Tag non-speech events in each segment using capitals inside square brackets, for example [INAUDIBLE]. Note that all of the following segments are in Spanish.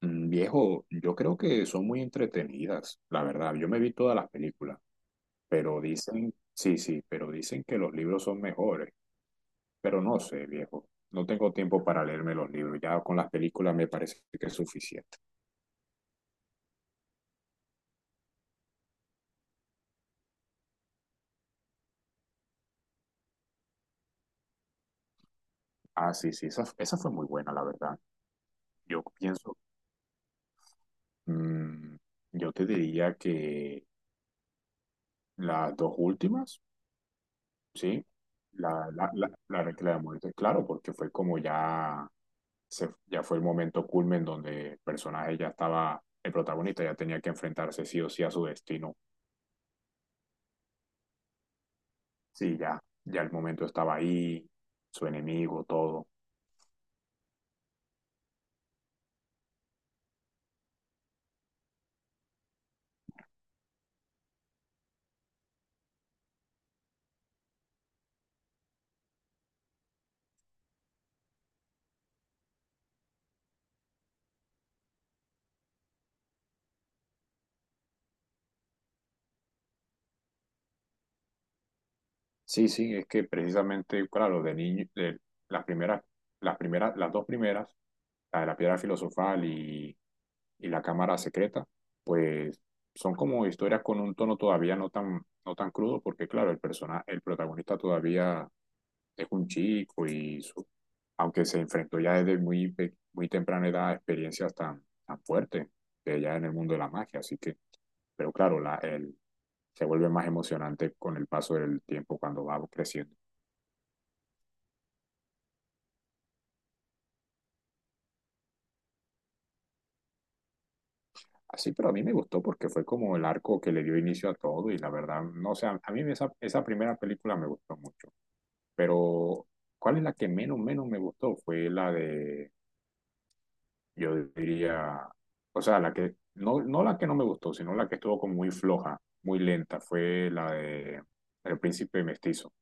Viejo, yo creo que son muy entretenidas, la verdad. Yo me vi todas las películas, pero dicen, sí, sí, pero dicen que los libros son mejores. Pero no sé, viejo, no tengo tiempo para leerme los libros. Ya con las películas me parece que es suficiente. Ah, sí, sí, esa fue muy buena, la verdad. Yo pienso, mm, yo te diría que las dos últimas, sí, la de la muerte, claro, porque fue como ya. Ya fue el momento culmen donde el personaje ya estaba, el protagonista ya tenía que enfrentarse sí o sí a su destino. Sí, ya, ya el momento estaba ahí, su enemigo, todo. Sí, sí, es que precisamente, claro, de niño, de las primeras, las dos primeras, la de la piedra filosofal y la cámara secreta, pues son como historias con un tono todavía no tan, no tan crudo, porque claro, el protagonista todavía es un chico y su aunque se enfrentó ya desde muy temprana edad a experiencias tan, tan fuertes de ella en el mundo de la magia. Así que, pero claro, se vuelve más emocionante con el paso del tiempo cuando va creciendo. Así, pero a mí me gustó porque fue como el arco que le dio inicio a todo y la verdad, no sé, a mí esa primera película me gustó mucho. Pero, ¿cuál es la que menos me gustó? Fue la de yo diría, o sea, la que, no, no la que no me gustó, sino la que estuvo como muy floja, muy lenta, fue la de El Príncipe Mestizo.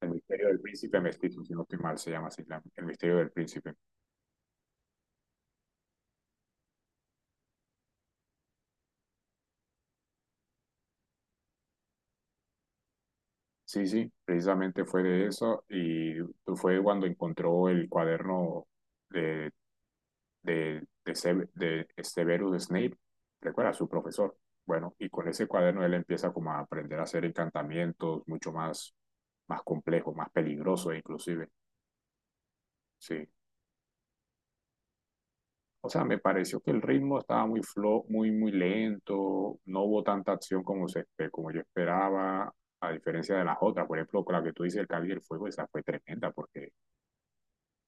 El Misterio del Príncipe Mestizo, si no estoy mal, se llama así, El Misterio del Príncipe. Sí, sí, precisamente fue de eso y fue cuando encontró el cuaderno de de Severus Snape, recuerda, su profesor. Bueno, y con ese cuaderno él empieza como a aprender a hacer encantamientos mucho más, más complejos, más peligrosos inclusive. Sí. O sea, me pareció que el ritmo estaba muy lento, no hubo tanta acción como yo esperaba, a diferencia de las otras. Por ejemplo, con la que tú dices, el Cáliz del Fuego, esa fue tremenda porque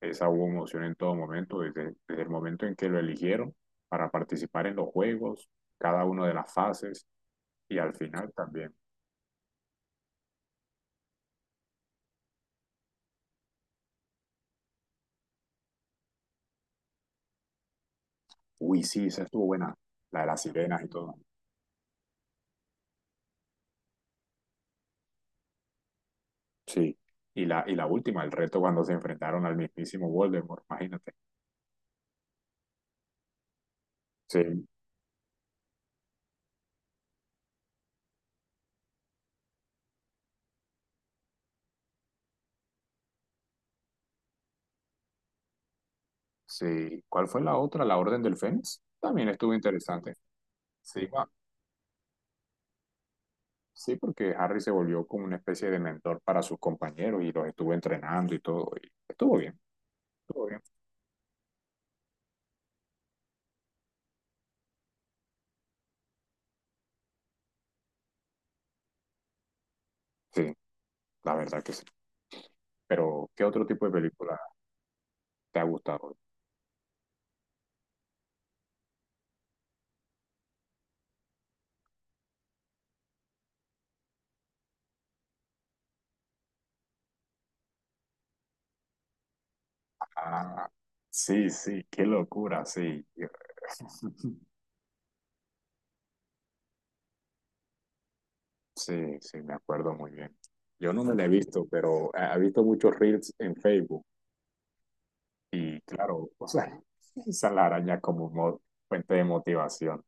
esa hubo emoción en todo momento, desde el momento en que lo eligieron para participar en los juegos, cada una de las fases y al final también. Uy, sí, esa estuvo buena, la de las sirenas y todo. Sí. Y la última, el reto cuando se enfrentaron al mismísimo Voldemort, imagínate. Sí, sí. ¿Cuál fue la otra? La Orden del Fénix. También estuvo interesante. Sí, va. Sí, porque Harry se volvió como una especie de mentor para sus compañeros y los estuvo entrenando y todo. Y estuvo bien, estuvo bien. Sí, la verdad que sí. Pero, ¿qué otro tipo de película te ha gustado? Ah, sí, sí, qué locura, sí. Yo- [LAUGHS] Sí, sí, me acuerdo muy bien. Yo no me la he visto, pero he visto muchos reels en Facebook. Y claro, o sea, [LAUGHS] usan la araña como mo- fuente de motivación.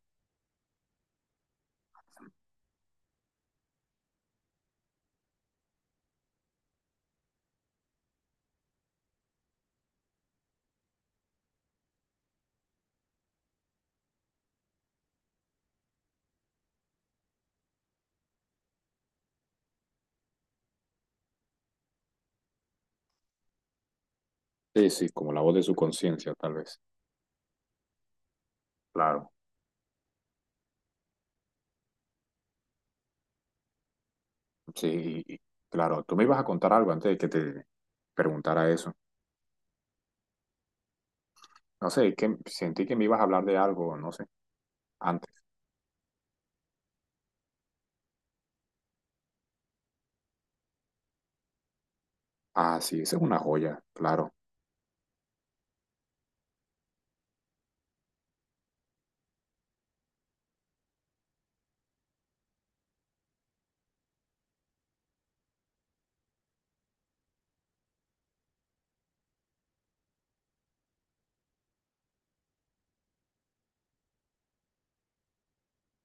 Sí, sí, como la voz de su conciencia, tal vez. Claro, sí, claro. Tú me ibas a contar algo antes de que te preguntara eso. No sé, que sentí que me ibas a hablar de algo, no sé, antes. Ah, sí, esa es una joya, claro.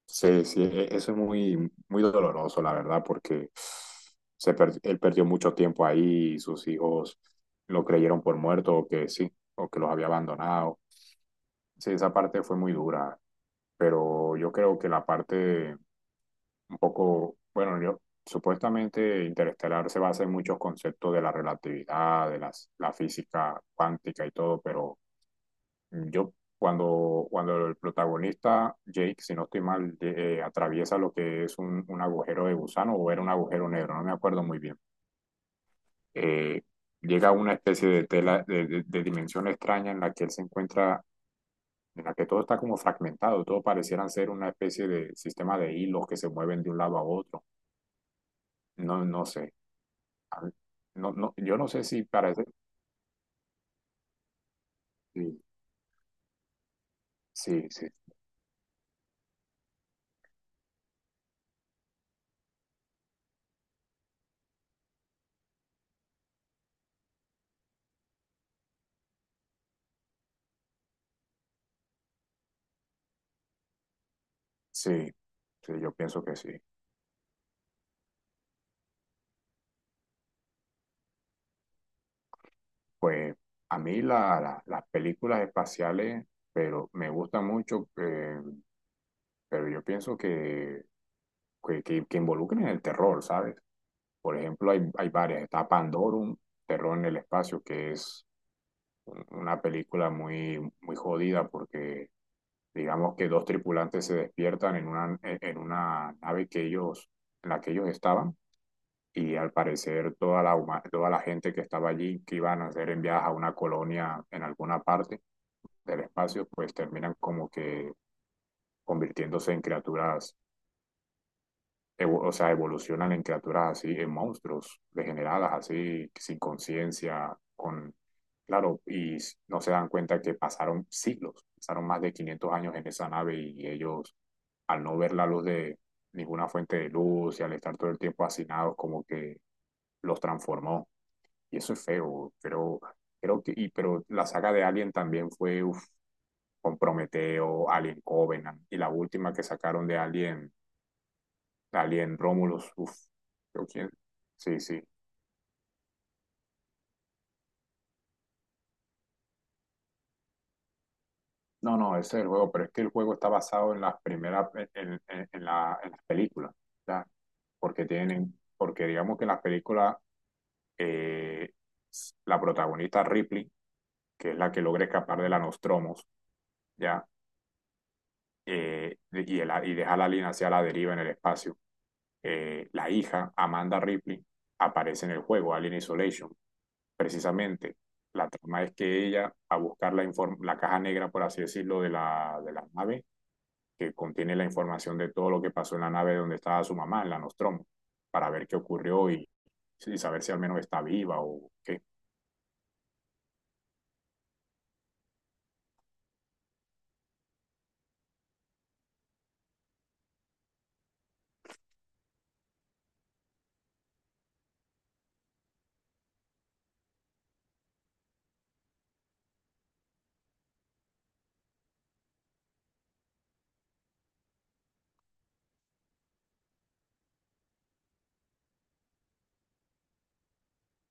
Sí, sí, eso es muy, muy doloroso, la verdad, porque él perdió mucho tiempo ahí, y sus hijos lo creyeron por muerto o que sí, o que los había abandonado. Sí, esa parte fue muy dura, pero yo creo que la parte un poco, bueno, yo supuestamente Interestelar se basa en muchos conceptos de la relatividad, de la física cuántica y todo, pero... Yo, cuando el protagonista, Jake, si no estoy mal, atraviesa lo que es un agujero de gusano o era un agujero negro, no me acuerdo muy bien. eh, Llega a una especie de tela, de dimensión extraña en la que él se encuentra, en la que todo está como fragmentado, todo parecieran ser una especie de sistema de hilos que se mueven de un lado a otro. No, no sé. A mí- No, no, yo no sé si parece. Sí, sí, sí, sí, sí, yo pienso que sí. Pues a mí las películas espaciales, pero me gustan mucho, pero yo pienso que que involucren el terror, ¿sabes? Por ejemplo, hay varias. Está Pandorum, Terror en el Espacio, que es una película muy, muy jodida porque digamos que dos tripulantes se despiertan en una, en una nave que ellos, en la que ellos estaban. Y al parecer toda toda la gente que estaba allí, que iban a ser enviadas a una colonia en alguna parte, del espacio, pues terminan como que convirtiéndose en criaturas, o sea, evolucionan en criaturas así, en monstruos degeneradas, así, sin conciencia, con, claro, y no se dan cuenta que pasaron siglos, pasaron más de 500 años en esa nave y ellos, al no ver la luz de ninguna fuente de luz y al estar todo el tiempo hacinados, como que los transformó. Y eso es feo, pero creo que, pero la saga de Alien también fue, uf, con Prometeo, Alien Covenant y la última que sacaron de Alien, Alien Romulus. Uf, creo que- Sí, sí. No, no, ese es el juego, pero es que el juego está basado en las primeras, en las películas, ¿ya? Porque tienen, porque digamos que en las películas, eh, la protagonista Ripley, que es la que logra escapar de la Nostromos, ¿ya? Y deja la alien hacia la deriva en el espacio. La hija, Amanda Ripley, aparece en el juego, Alien Isolation. Precisamente, la trama es que ella, a buscar la caja negra, por así decirlo, de de la nave, que contiene la información de todo lo que pasó en la nave donde estaba su mamá, en la Nostromo, para ver qué ocurrió y saber si al menos está viva o qué.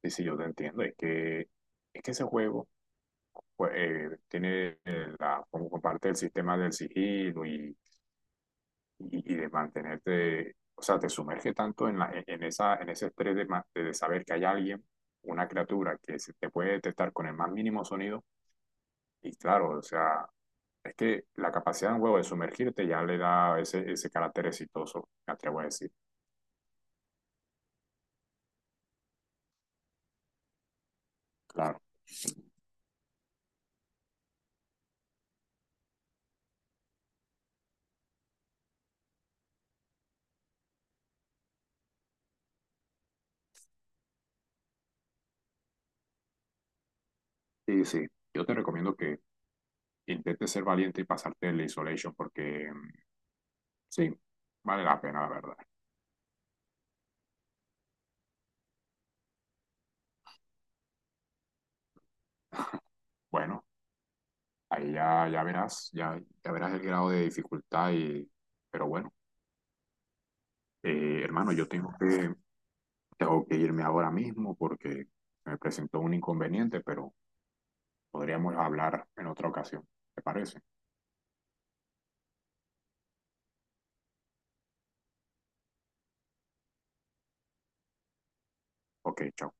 Sí, sí, yo te entiendo. Es que ese juego pues, tiene la, como parte del sistema del sigilo y de mantenerte, o sea, te sumerge tanto en, la, e, en, esa, en ese estrés de, de saber que hay alguien, una criatura que se te puede detectar con el más mínimo sonido. Y claro, o sea, es que la capacidad de un huevo de sumergirte ya le da ese carácter exitoso, me atrevo a decir. Claro. Sí, sí. Yo te recomiendo que intentes ser valiente y pasarte el isolation porque sí, vale la pena, la verdad. Bueno, ahí ya, ya verás el grado de dificultad y, pero bueno. Hermano, yo tengo que irme ahora mismo porque me presentó un inconveniente, pero podríamos hablar en otra ocasión. ¿Te parece? Ok, chao.